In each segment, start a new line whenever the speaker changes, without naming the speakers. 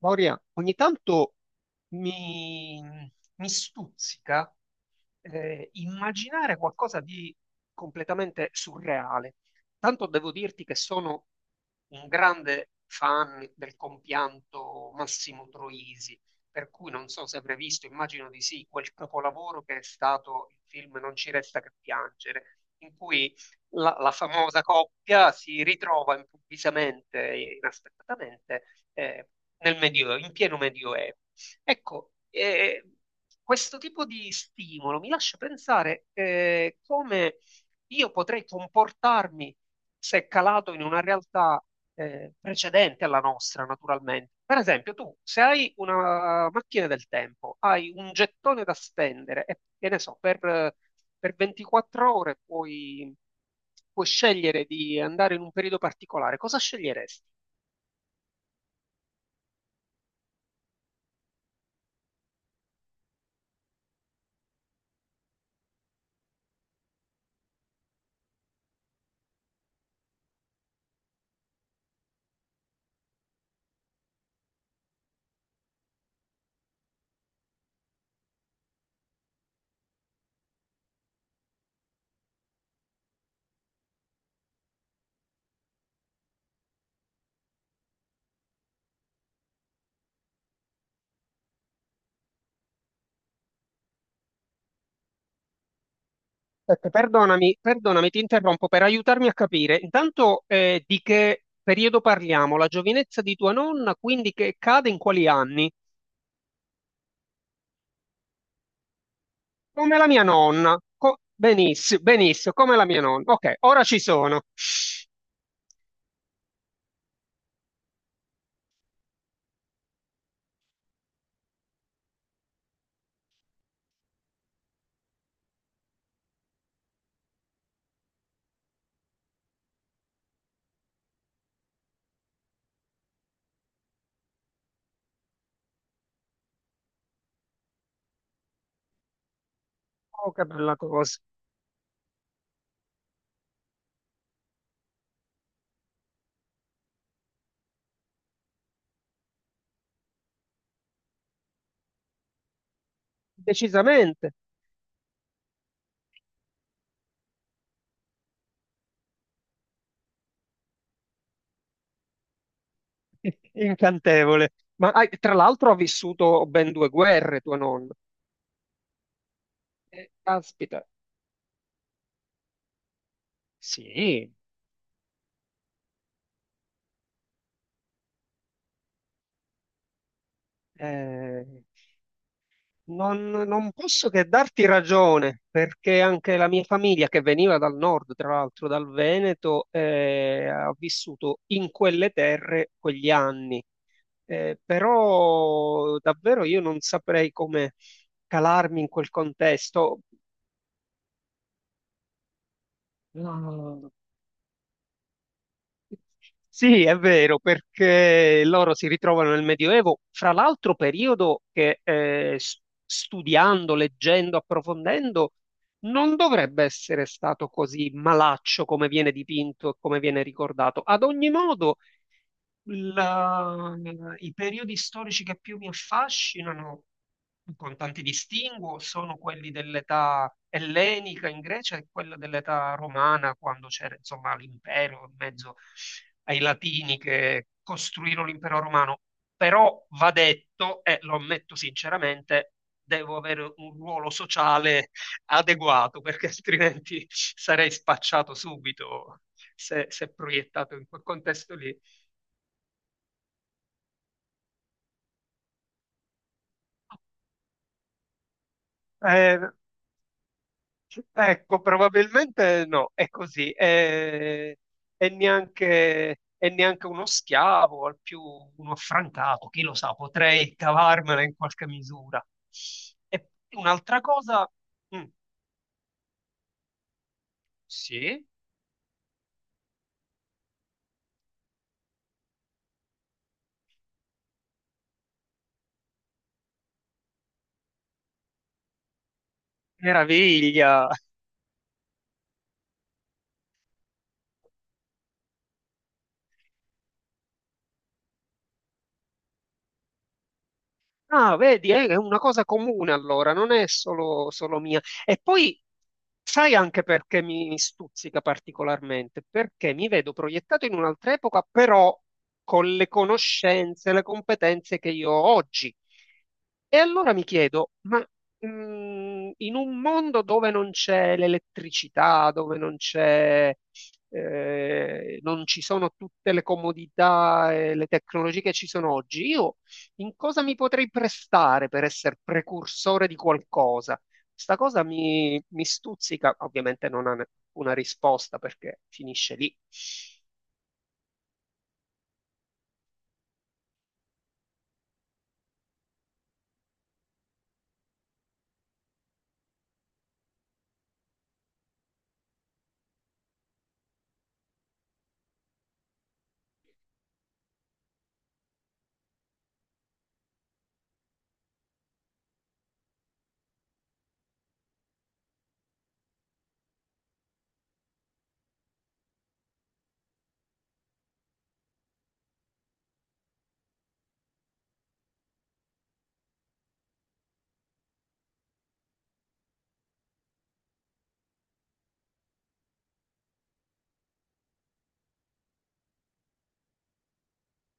Maureen, ogni tanto mi, mi stuzzica immaginare qualcosa di completamente surreale. Tanto devo dirti che sono un grande fan del compianto Massimo Troisi, per cui non so se avrei visto, immagino di sì, quel capolavoro che è stato il film Non ci resta che piangere, in cui la famosa coppia si ritrova improvvisamente, e inaspettatamente, eh, nel Medioevo, in pieno Medioevo. Ecco, questo tipo di stimolo mi lascia pensare come io potrei comportarmi se calato in una realtà precedente alla nostra, naturalmente. Per esempio, tu se hai una macchina del tempo, hai un gettone da spendere e che ne so, per 24 ore puoi scegliere di andare in un periodo particolare, cosa sceglieresti? Aspetta, perdonami, ti interrompo per aiutarmi a capire. Intanto, di che periodo parliamo? La giovinezza di tua nonna, quindi che cade in quali anni? Come la mia nonna. Benissimo, benissimo, come la mia nonna. Ok, ora ci sono. Oh, che bella cosa. Decisamente incantevole. Ma tra l'altro ha vissuto ben due guerre tua nonna. Caspita. Sì. Eh, non posso che darti ragione, perché anche la mia famiglia, che veniva dal nord, tra l'altro dal Veneto, ha vissuto in quelle terre quegli anni. Però davvero io non saprei come calarmi in quel contesto. No. No, no, no. Sì, è vero, perché loro si ritrovano nel Medioevo, fra l'altro periodo che studiando, leggendo, approfondendo, non dovrebbe essere stato così malaccio come viene dipinto e come viene ricordato. Ad ogni modo, La- i periodi storici che più mi affascinano, con tanti distinguo, sono quelli dell'età ellenica in Grecia e quello dell'età romana, quando c'era insomma l'impero in mezzo ai latini che costruirono l'impero romano. Però va detto, e lo ammetto sinceramente, devo avere un ruolo sociale adeguato, perché altrimenti sarei spacciato subito se proiettato in quel contesto lì. Eh, Ecco, probabilmente no, è così, è neanche uno schiavo, al più uno affrancato, chi lo sa, potrei cavarmela in qualche misura. E un'altra cosa, mm, sì, meraviglia. Ah, vedi, è una cosa comune allora, non è solo mia. E poi sai anche perché mi stuzzica particolarmente? Perché mi vedo proiettato in un'altra epoca, però con le conoscenze, le competenze che io ho oggi. E allora mi chiedo, ma in un mondo dove non c'è l'elettricità, dove non non ci sono tutte le comodità e le tecnologie che ci sono oggi, io in cosa mi potrei prestare per essere precursore di qualcosa? Sta cosa mi stuzzica, ovviamente non ha una risposta perché finisce lì.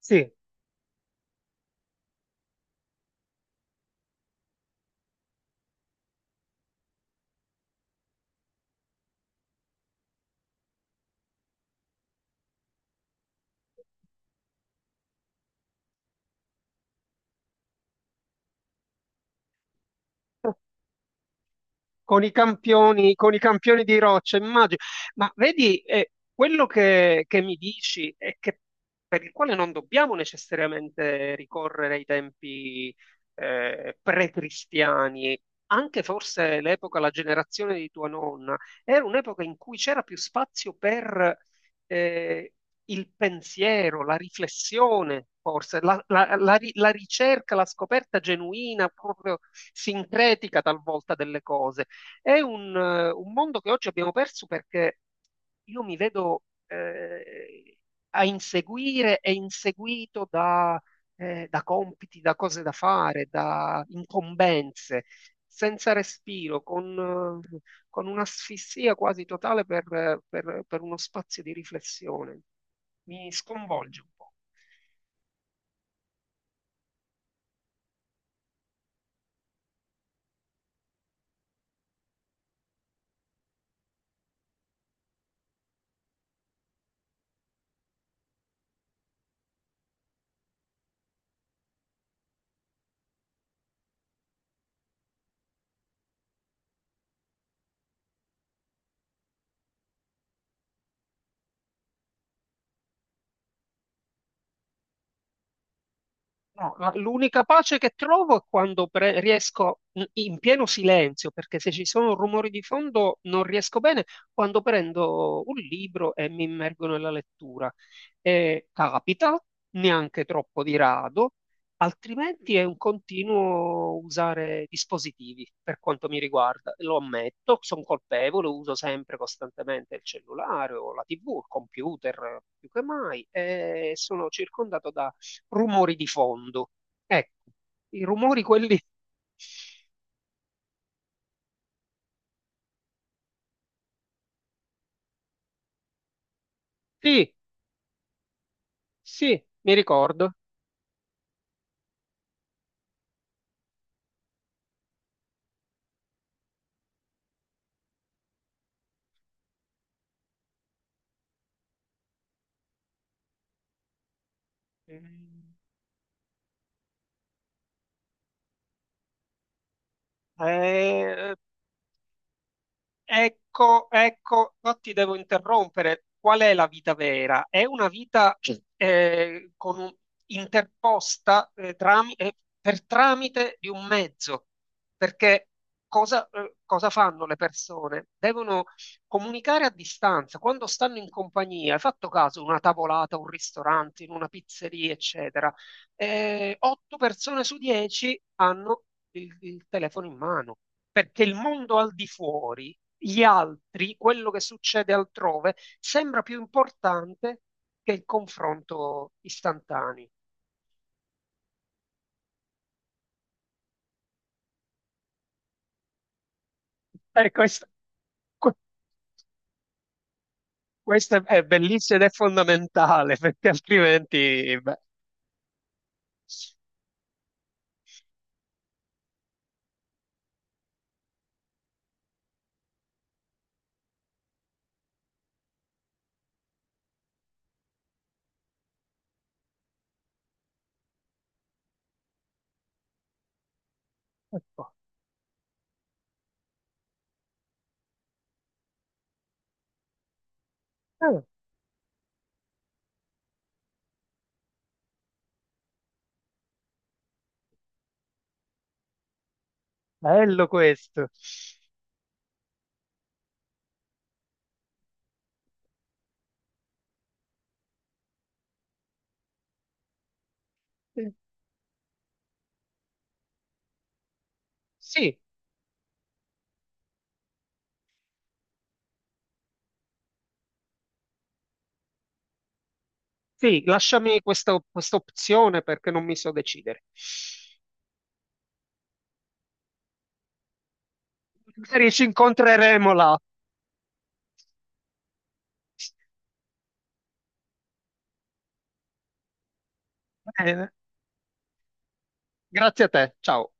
Sì, con i campioni di roccia, immagino. Ma vedi, quello che mi dici è che per il quale non dobbiamo necessariamente ricorrere ai tempi pre-cristiani, anche forse l'epoca, la generazione di tua nonna, era un'epoca in cui c'era più spazio per eh, il pensiero, la riflessione, forse, la ricerca, la scoperta genuina, proprio sincretica talvolta delle cose. È un mondo che oggi abbiamo perso perché io mi vedo a inseguire e inseguito da, da compiti, da cose da fare, da incombenze, senza respiro, con un'asfissia quasi totale per uno spazio di riflessione. Mi sconvolge un po'. No, l'unica pace che trovo è quando riesco in in pieno silenzio, perché se ci sono rumori di fondo non riesco bene, quando prendo un libro e mi immergo nella lettura. E capita, neanche troppo di rado, altrimenti è un continuo usare dispositivi per quanto mi riguarda. Lo ammetto, sono colpevole, uso sempre costantemente il cellulare o la TV, il computer, più che mai, e sono circondato rumori di fondo. Ecco, i rumori quelli... Sì, sì, mi ricordo. Eh, Ecco, ecco, no, ti devo interrompere. Qual è la vita vera? È una vita eh, con un- interposta per tramite di un mezzo, perché cosa fanno le persone? Devono comunicare a distanza, quando stanno in compagnia, hai fatto caso, una tavolata, un ristorante, in una pizzeria, eccetera. 8 persone su 10 hanno il telefono in mano, perché il mondo al di fuori gli altri, quello che succede altrove, sembra più importante che il confronto istantaneo. E que- questo è bellissimo ed è fondamentale, perché altrimenti... beh, ecco. Eh, bello questo. Eh, Sì, sì, lasciami questa, questa opzione perché non mi so decidere. Magari ci incontreremo là. Bene, grazie a te, ciao.